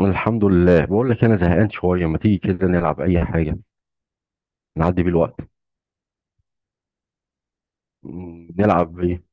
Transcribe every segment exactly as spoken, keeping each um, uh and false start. الحمد لله، بقول لك انا زهقان شويه. ما تيجي كده نلعب اي حاجه نعدي بيه الوقت؟ م- نلعب ايه؟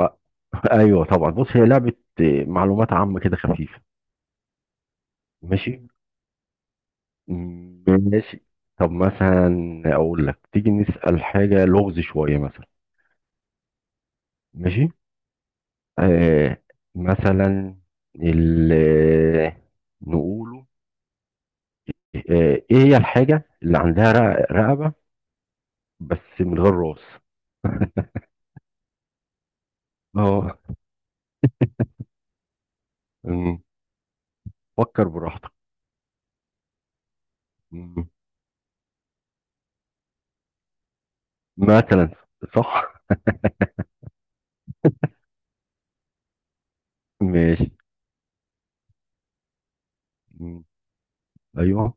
آه، ايوه طبعا، بص هي لعبه. آه، معلومات عامه كده خفيفه. ماشي. م- ماشي. طب مثلا اقول لك، تيجي نسال حاجه، لغز شويه مثلا. ماشي. آه مثلا، ال نقوله. آه ايه هي الحاجه اللي عندها رق- رقبه بس من غير راس؟ اه. م، فكر براحتك. مثلا. صح. ماشي. مم. ايوه.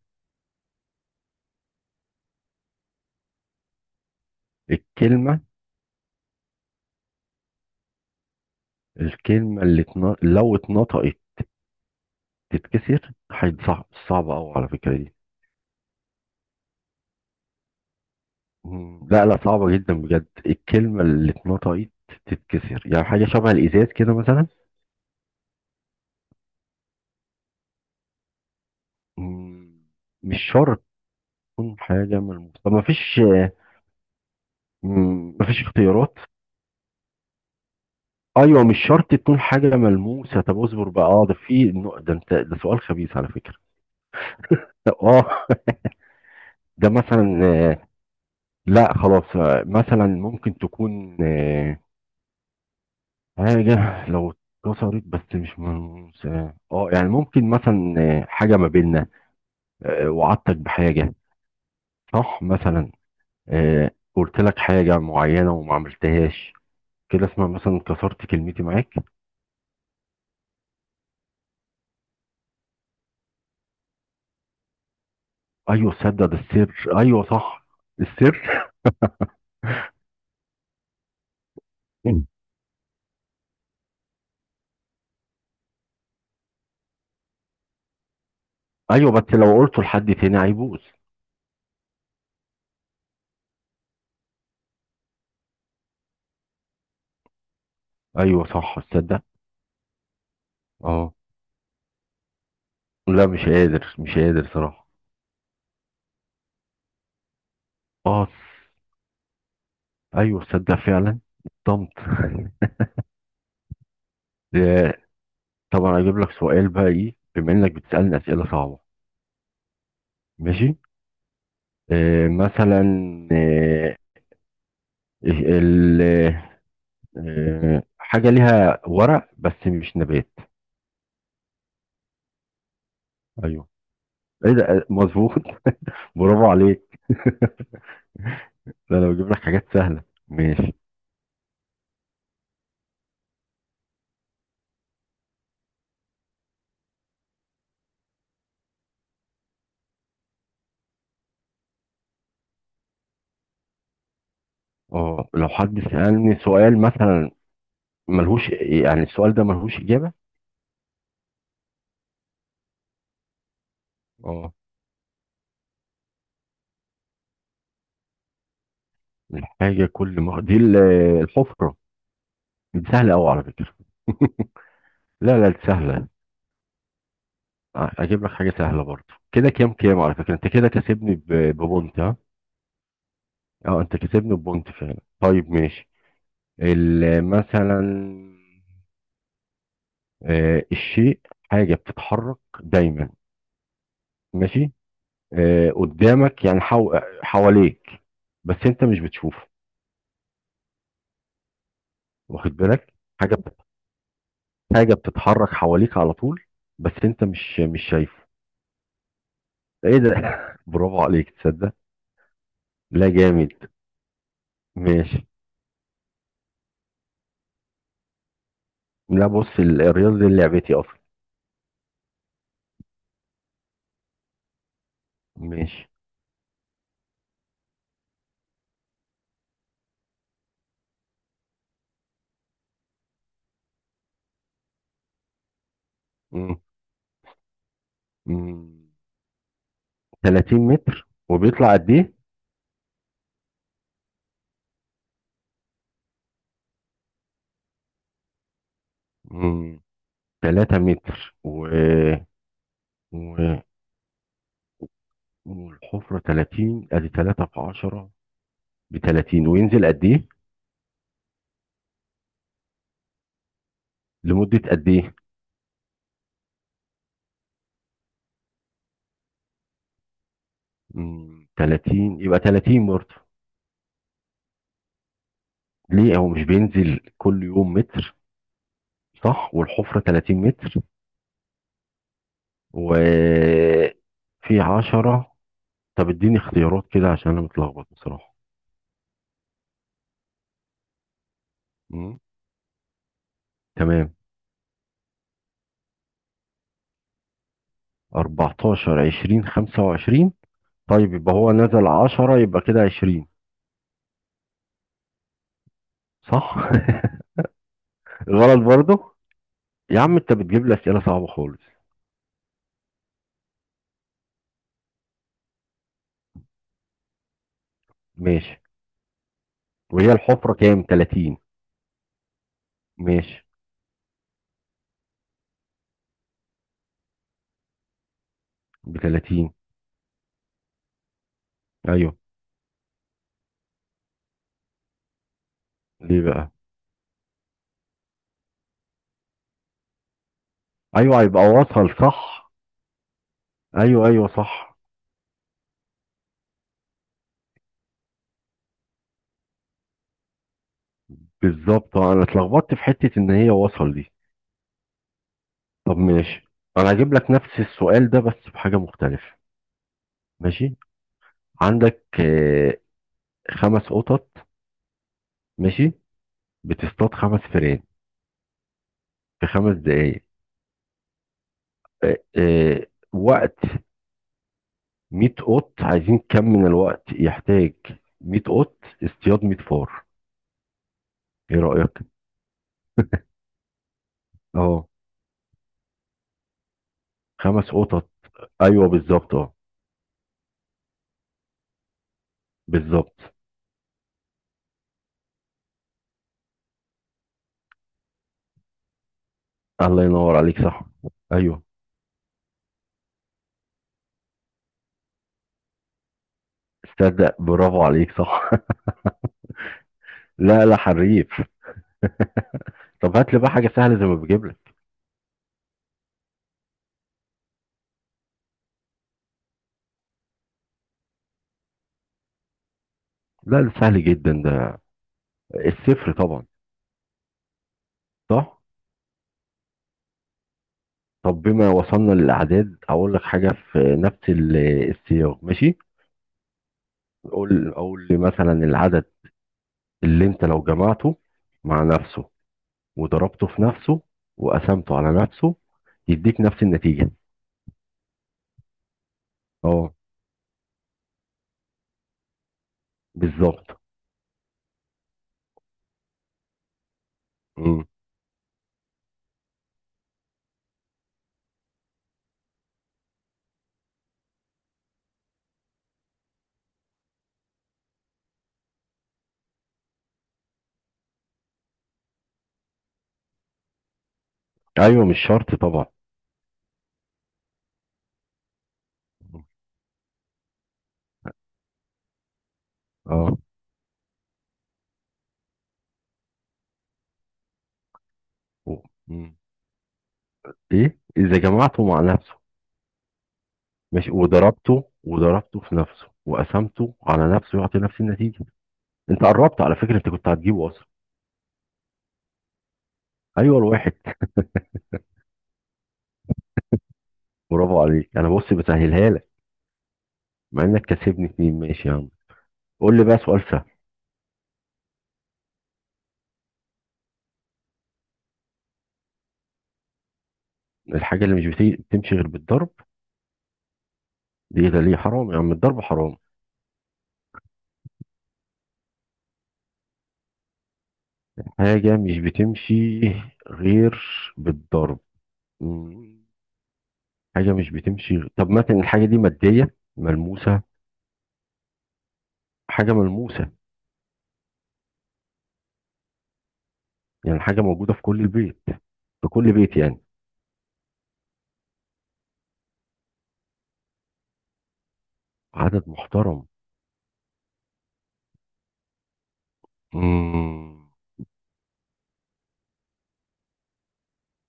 الكلمه الكلمه اللي اتنا... لو اتنطقت تتكسر، هيبقى صعب صعبه قوي على فكره دي. مم. لا لا، صعبه جدا بجد. الكلمه اللي اتنطقت تتكسر، يعني حاجه شبه الازاز كده مثلا. مم. مش شرط تكون حاجه ملموسه. طب ما فيش ما فيش اختيارات؟ ايوه مش شرط تكون حاجه ملموسه. طب اصبر بقى. اه ده في نوع- ده، انت ده سؤال خبيث على فكره. اه. ده مثلا، لا خلاص. آه، مثلا ممكن تكون آه، حاجة لو اتكسرت، بس مش من اه آه، يعني ممكن مثلا آه، حاجة ما بيننا، آه، وعدتك بحاجة صح مثلا، آه، قلت لك حاجة معينة وما عملتهاش، كده اسمها مثلا كسرت كلمتي معاك. ايوه تصدق، ده السر، ايوه صح. السر. ايوه بس لو قلته لحد تاني هيبوظ. ايوه صح تصدق. اه لا، مش قادر مش قادر صراحة. اه ايوه تصدق فعلا. الطمط. آه، طبعا اجيب لك سؤال بقى، ايه بما انك بتسالني اسئله صعبه. ماشي. آه مثلا آه إيه، ال آه حاجه ليها ورق بس مش نبات. ايوه، ايه ده! آه، مظبوط. برافو عليك. ده انا بجيب لك حاجات سهله. ماشي. اه لو حد سالني سؤال مثلا ملهوش، يعني السؤال ده ملهوش اجابه. اه. الحاجه كل ما دي ال- الحفره. دي سهله قوي على فكره. لا لا دي سهلة. أ- أجيب لك حاجة سهلة برضه. كده، كام كام على فكرة، أنت كده كسبني ب- ببونت، ها. أه أنت كسبني ببونت فعلا. طيب ماشي. ال- مثلا، آه، الشيء، حاجة بتتحرك دايما. ماشي. آه، قدامك يعني حو... حواليك، بس أنت مش بتشوفه، واخد بالك؟ حاجة بت- حاجة بتتحرك حواليك على طول، بس أنت مش مش شايفه. إيه ده! برافو عليك تصدق. لا جامد. ماشي. لا بص ال- الرياضة دي لعبتي أصلا. ماشي. مم. مم. تلاتين متر، وبيطلع قد ايه؟ مم. تلات متر و... و... والحفرة تلاتين، ادي تلاتة في عشرة ب ثلاثين. وينزل قد ايه؟ لمدة قد ايه؟ مم. ثلاثين يبقى تلاتين برضه. ليه هو مش بينزل كل يوم متر، صح؟ والحفرة تلاتين متر، وفي عشرة. طب اديني اختيارات كده عشان انا متلخبط بصراحة. مم. تمام. أربعة عشر، عشرين، خمسة وعشرين. طيب يبقى هو نزل عشرة، يبقى كده عشرين، صح؟ الولد برضه. يا عم انت بتجيب لي اسئله صعبه خالص. ماشي. وهي الحفره كام، تلاتين؟ ماشي. ب تلاتين. ايوه. ليه بقى؟ ايوه هيبقى وصل، صح. ايوه ايوه صح بالظبط. انا اتلخبطت في حته ان هي وصل دي. طب ماشي. انا هجيب لك نفس السؤال ده بس بحاجه مختلفه. ماشي. عندك آه، خمس قطط، ماشي، بتصطاد خمس فئران في خمس دقايق. آه، آه، وقت ميت قط، عايزين كم من الوقت يحتاج ميت قط اصطياد ميت فار؟ ايه رأيك؟ اه خمس قطط. ايوه بالظبط. اه بالظبط. الله ينور عليك، صح. ايوه تصدق، برافو عليك، صح. لا لا حريف. طب هات لي بقى حاجة سهلة زي ما بجيب لك. لا ده سهل جدا ده، الصفر طبعا. صح. طب بما وصلنا للأعداد، أقول لك حاجة في نفس ال- السياق. ماشي. قول قول لي مثلا العدد اللي أنت لو جمعته مع نفسه وضربته في نفسه وقسمته على نفسه يديك نفس النتيجة. اه بالظبط. مم. ايوه مش شرط طبعا. اه. و- مم. ايه اذا جمعته مع نفسه، ماشي، وضربته وضربته في نفسه وقسمته على نفسه يعطي نفس النتيجة. انت قربت على فكرة، انت كنت هتجيبه اصلا. ايوه الواحد. برافو عليك، انا بص بسهلها لك، مع انك كسبني اتنين. ماشي يا عم، قول لي بقى سؤال سهل. الحاجة اللي مش بتي- بتمشي غير بالضرب، دي ده ليه؟ حرام يا عم، الضرب حرام. حاجة مش بتمشي غير بالضرب. مم. حاجة مش بتمشي. طب مثلا الحاجة دي مادية ملموسة؟ حاجة ملموسة، يعني حاجة موجودة في كل البيت. في كل بيت يعني. عدد محترم. مم.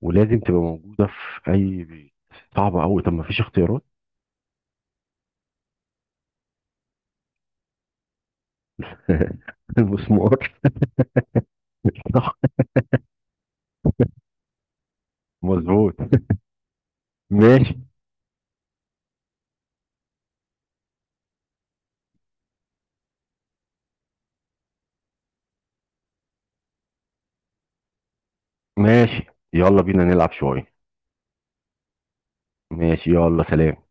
ولازم تبقى موجودة في أي بيت. صعبة أوي، طب ما فيش اختيارات؟ المسمار. صح. مظبوط. ماشي. ماشي يلا بينا نلعب شوية. ماشي يلا سلام.